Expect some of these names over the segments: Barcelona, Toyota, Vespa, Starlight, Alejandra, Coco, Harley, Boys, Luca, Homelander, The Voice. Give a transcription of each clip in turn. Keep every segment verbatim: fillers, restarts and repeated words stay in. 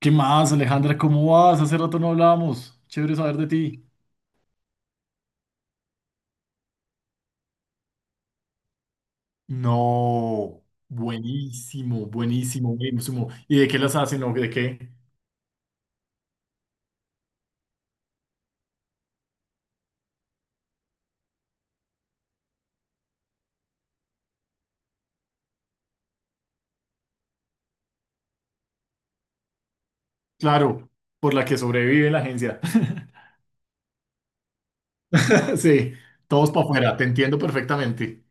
¿Qué más, Alejandra? ¿Cómo vas? Hace rato no hablábamos. Chévere saber de ti. No, buenísimo, buenísimo, buenísimo. ¿Y de qué las hacen o de qué? Claro, por la que sobrevive la agencia. Sí, todos para afuera, te entiendo perfectamente.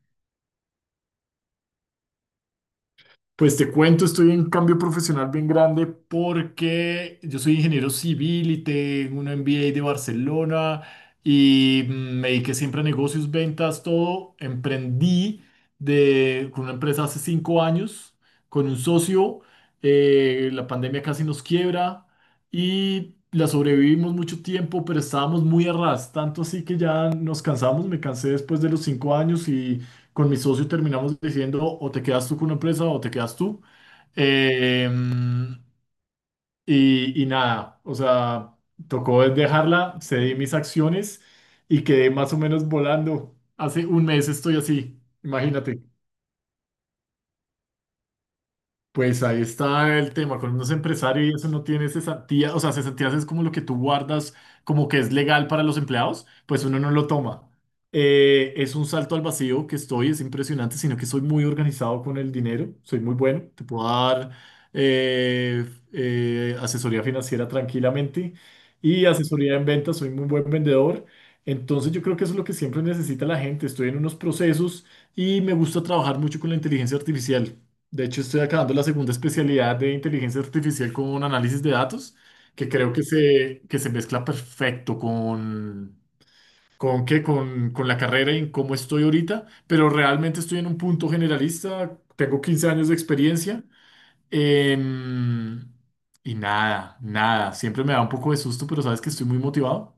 Pues te cuento, estoy en cambio profesional bien grande porque yo soy ingeniero civil y tengo un M B A de Barcelona y mm, me dediqué siempre a negocios, ventas, todo. Emprendí de, con una empresa hace cinco años, con un socio. Eh, la pandemia casi nos quiebra y la sobrevivimos mucho tiempo, pero estábamos muy a ras, tanto así que ya nos cansamos. Me cansé después de los cinco años y con mi socio terminamos diciendo o te quedas tú con una empresa o te quedas tú. Eh, y, y nada, o sea, tocó dejarla, cedí mis acciones y quedé más o menos volando. Hace un mes estoy así, imagínate. Pues ahí está el tema, cuando uno es empresario y eso no tiene cesantías, o sea, cesantías es como lo que tú guardas, como que es legal para los empleados, pues uno no lo toma. Eh, es un salto al vacío que estoy, es impresionante, sino que soy muy organizado con el dinero, soy muy bueno, te puedo dar eh, eh, asesoría financiera tranquilamente y asesoría en ventas, soy muy buen vendedor, entonces yo creo que eso es lo que siempre necesita la gente, estoy en unos procesos y me gusta trabajar mucho con la inteligencia artificial. De hecho, estoy acabando la segunda especialidad de inteligencia artificial con análisis de datos, que creo que se, que se mezcla perfecto con, con, qué, con, con la carrera y en cómo estoy ahorita, pero realmente estoy en un punto generalista, tengo quince años de experiencia em, y nada, nada, siempre me da un poco de susto, pero sabes que estoy muy motivado.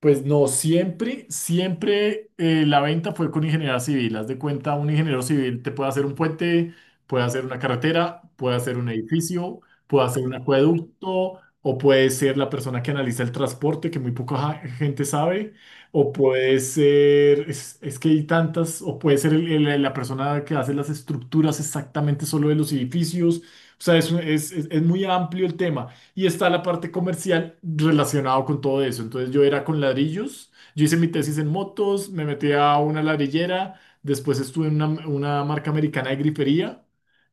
Pues no, siempre, siempre eh, la venta fue con ingeniería civil. Haz de cuenta, un ingeniero civil te puede hacer un puente, puede hacer una carretera, puede hacer un edificio, puede hacer un acueducto, o puede ser la persona que analiza el transporte, que muy poca ja- gente sabe, o puede ser, es, es que hay tantas, o puede ser el- el- la persona que hace las estructuras exactamente solo de los edificios. O sea, es, un- es es- es muy amplio el tema. Y está la parte comercial relacionado con todo eso. Entonces yo era con ladrillos, yo hice mi tesis en motos, me metí a una ladrillera, después estuve en una, una marca americana de grifería,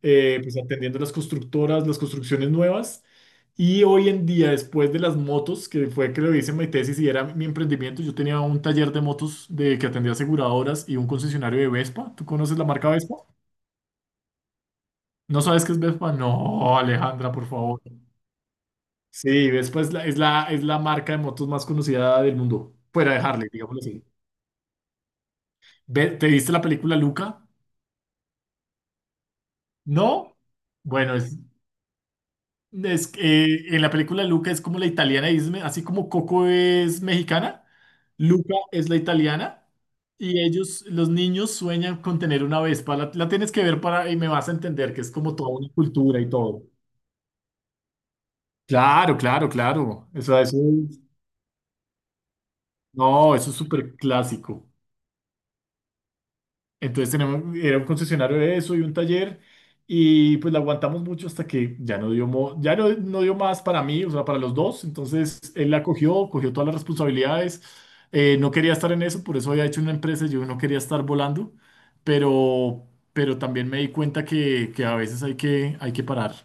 eh, pues atendiendo las constructoras, las construcciones nuevas. Y hoy en día, después de las motos, que fue que lo hice en mi tesis y era mi emprendimiento, yo tenía un taller de motos de, que atendía aseguradoras y un concesionario de Vespa. ¿Tú conoces la marca Vespa? ¿No sabes qué es Vespa? No, Alejandra, por favor. Sí, después la- es la, es la marca de motos más conocida del mundo, fuera de Harley, digámoslo así. Ve- ¿Te viste la película Luca? ¿No? Bueno, es, es que, eh, en la película Luca es como la italiana, y es me- así como Coco es mexicana, Luca es la italiana y ellos, los niños sueñan con tener una Vespa. La, la tienes que ver para y me vas a entender que es como toda una cultura y todo. Claro, claro, claro. Eso, eso, es- no, eso es súper clásico. Entonces tenemos, era un concesionario de eso y un taller y pues la aguantamos mucho hasta que ya no dio, mo- ya no, no dio más para mí, o sea, para los dos. Entonces él la cogió, cogió todas las responsabilidades. Eh, no quería estar en eso, por eso había hecho una empresa, yo no quería estar volando, pero, pero también me di cuenta que, que a veces hay que, hay que parar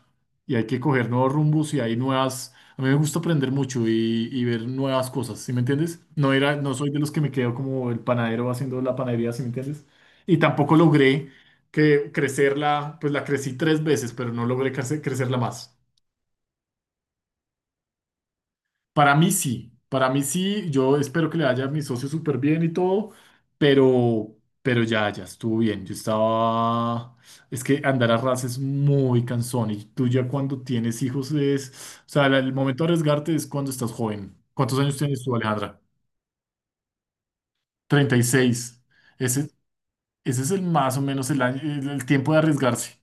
y hay que coger nuevos rumbos y hay nuevas. A mí me gusta aprender mucho y, y ver nuevas cosas, ¿sí me entiendes? No era, no soy de los que me quedo como el panadero haciendo la panadería, ¿sí me entiendes? Y tampoco logré que crecerla, pues la crecí tres veces, pero no logré crece- crecerla más. Para mí sí, para mí sí, yo espero que le vaya a mi socio súper bien y todo, pero, pero ya, ya estuvo bien. Yo estaba, es que andar a ras es muy cansón y tú ya cuando tienes hijos es, o sea, la- el momento de arriesgarte es cuando estás joven. ¿Cuántos años tienes tú, Alejandra? Treinta y seis. Ese, ese es el más o menos el año- el el tiempo de arriesgarse.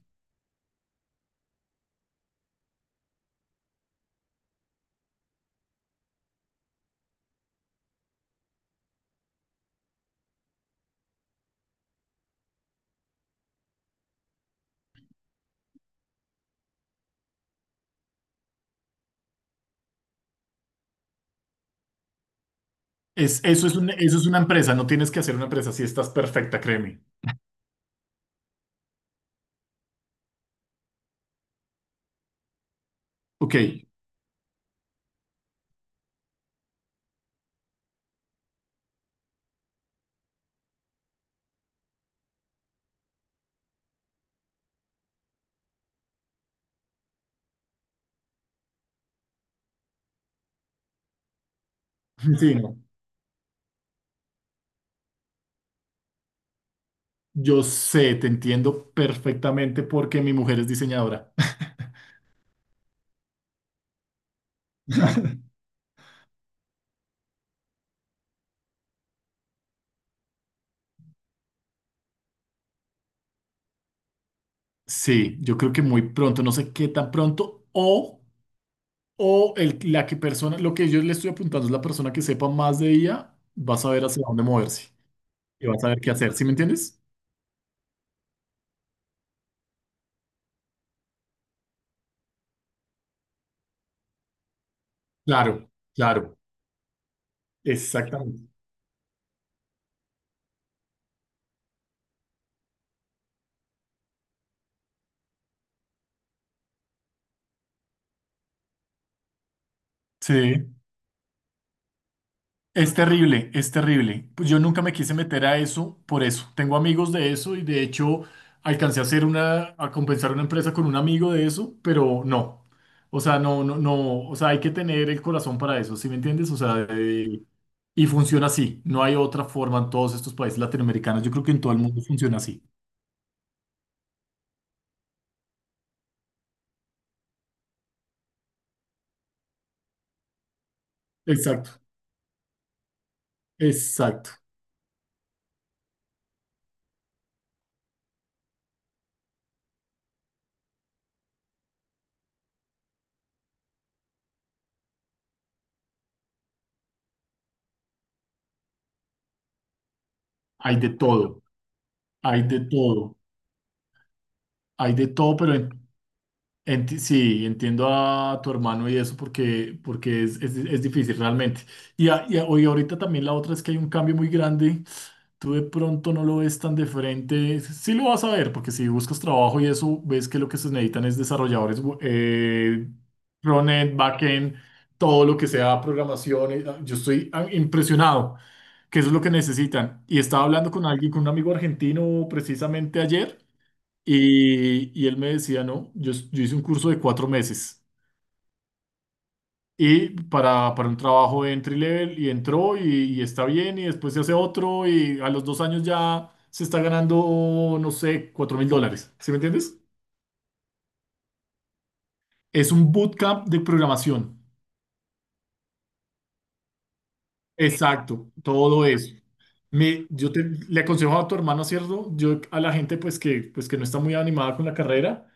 Es, eso es un- eso es una empresa, no tienes que hacer una empresa si estás perfecta, créeme. Ok. Sí, no. Yo sé, te entiendo perfectamente porque mi mujer es diseñadora. Sí, yo creo que muy pronto, no sé qué tan pronto, o, o el, la que persona, lo que yo le estoy apuntando es la persona que sepa más de ella, va a saber hacia dónde moverse y va a saber qué hacer, ¿sí me entiendes? Claro, claro, exactamente. Sí, es terrible, es terrible. Pues yo nunca me quise meter a eso por eso. Tengo amigos de eso y de hecho alcancé a hacer una, a compensar una empresa con un amigo de eso, pero no. O sea, no, no, no, o sea, hay que tener el corazón para eso, ¿sí me entiendes? O sea, de- y funciona así. No hay otra forma en todos estos países latinoamericanos. Yo creo que en todo el mundo funciona así. Exacto, exacto. Hay de todo, hay de todo, hay de todo, pero en Enti- sí, entiendo a tu hermano y eso porque, porque es, es- es difícil realmente. Y, a- y a- y ahorita también la otra es que hay un cambio muy grande. Tú de pronto no lo ves tan de frente. Sí lo vas a ver, porque si buscas trabajo y eso, ves que lo que se necesitan es desarrolladores bu- eh, frontend, backend, todo lo que sea programación. eh, ah, Yo estoy ah, impresionado que eso es lo que necesitan. Y estaba hablando con alguien, con un amigo argentino precisamente ayer. Y, y él me decía, no, yo, yo hice un curso de cuatro meses y para, para un trabajo de entry level y entró y, y está bien y después se hace otro y a los dos años ya se está ganando, no sé, cuatro mil dólares. ¿Sí me entiendes? Es un bootcamp de programación. Exacto, todo eso. Me, yo te, le aconsejo a tu hermano, ¿cierto? Yo a la gente pues que, pues que no está muy animada con la carrera,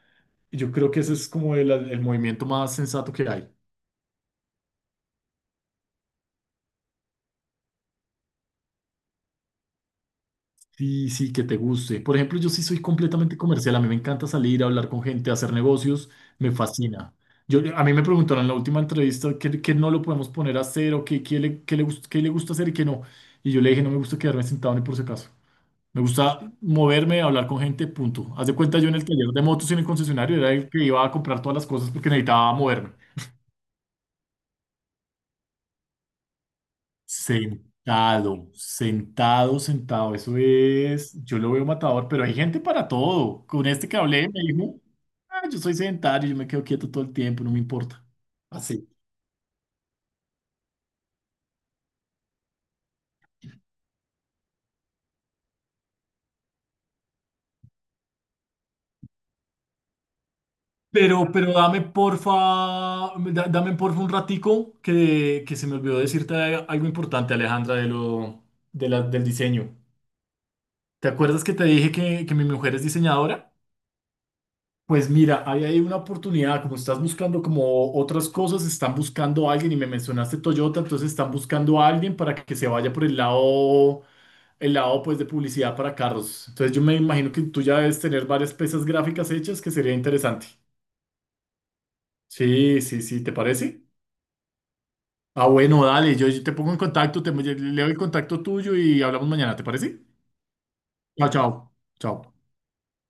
yo creo que ese es como el el movimiento más sensato que hay. Sí, sí, que te guste. Por ejemplo, yo sí soy completamente comercial. A mí me encanta salir, hablar con gente, hacer negocios. Me fascina. Yo, a mí me preguntaron en la última entrevista qué, qué no lo podemos poner a hacer o qué, qué le, qué le, gust- qué le gusta hacer y qué no. Y yo le dije, no me gusta quedarme sentado ni por si acaso. Me gusta moverme, hablar con gente, punto. Haz de cuenta, yo en el taller de motos y en el concesionario era el que iba a comprar todas las cosas porque necesitaba moverme. Sentado, sentado, sentado. Eso es, yo lo veo matador, pero hay gente para todo. Con este que hablé me dijo, "Ah, yo soy sedentario, yo me quedo quieto todo el tiempo, no me importa". Así. Pero, pero dame porfa, da- dame porfa un ratico que, que se me olvidó decirte algo importante, Alejandra, de lo, de la- del diseño. ¿Te acuerdas que te dije que, que mi mujer es diseñadora? Pues mira, ahí hay una oportunidad, como estás buscando como otras cosas, están buscando a alguien y me mencionaste Toyota, entonces están buscando a alguien para que se vaya por el lado, el lado pues de publicidad para carros. Entonces yo me imagino que tú ya debes tener varias piezas gráficas hechas que sería interesante. Sí, sí, sí, ¿te parece? Ah, bueno, dale, yo, yo te pongo en contacto, te leo el contacto tuyo y hablamos mañana, ¿te parece? Chao, chao, chao.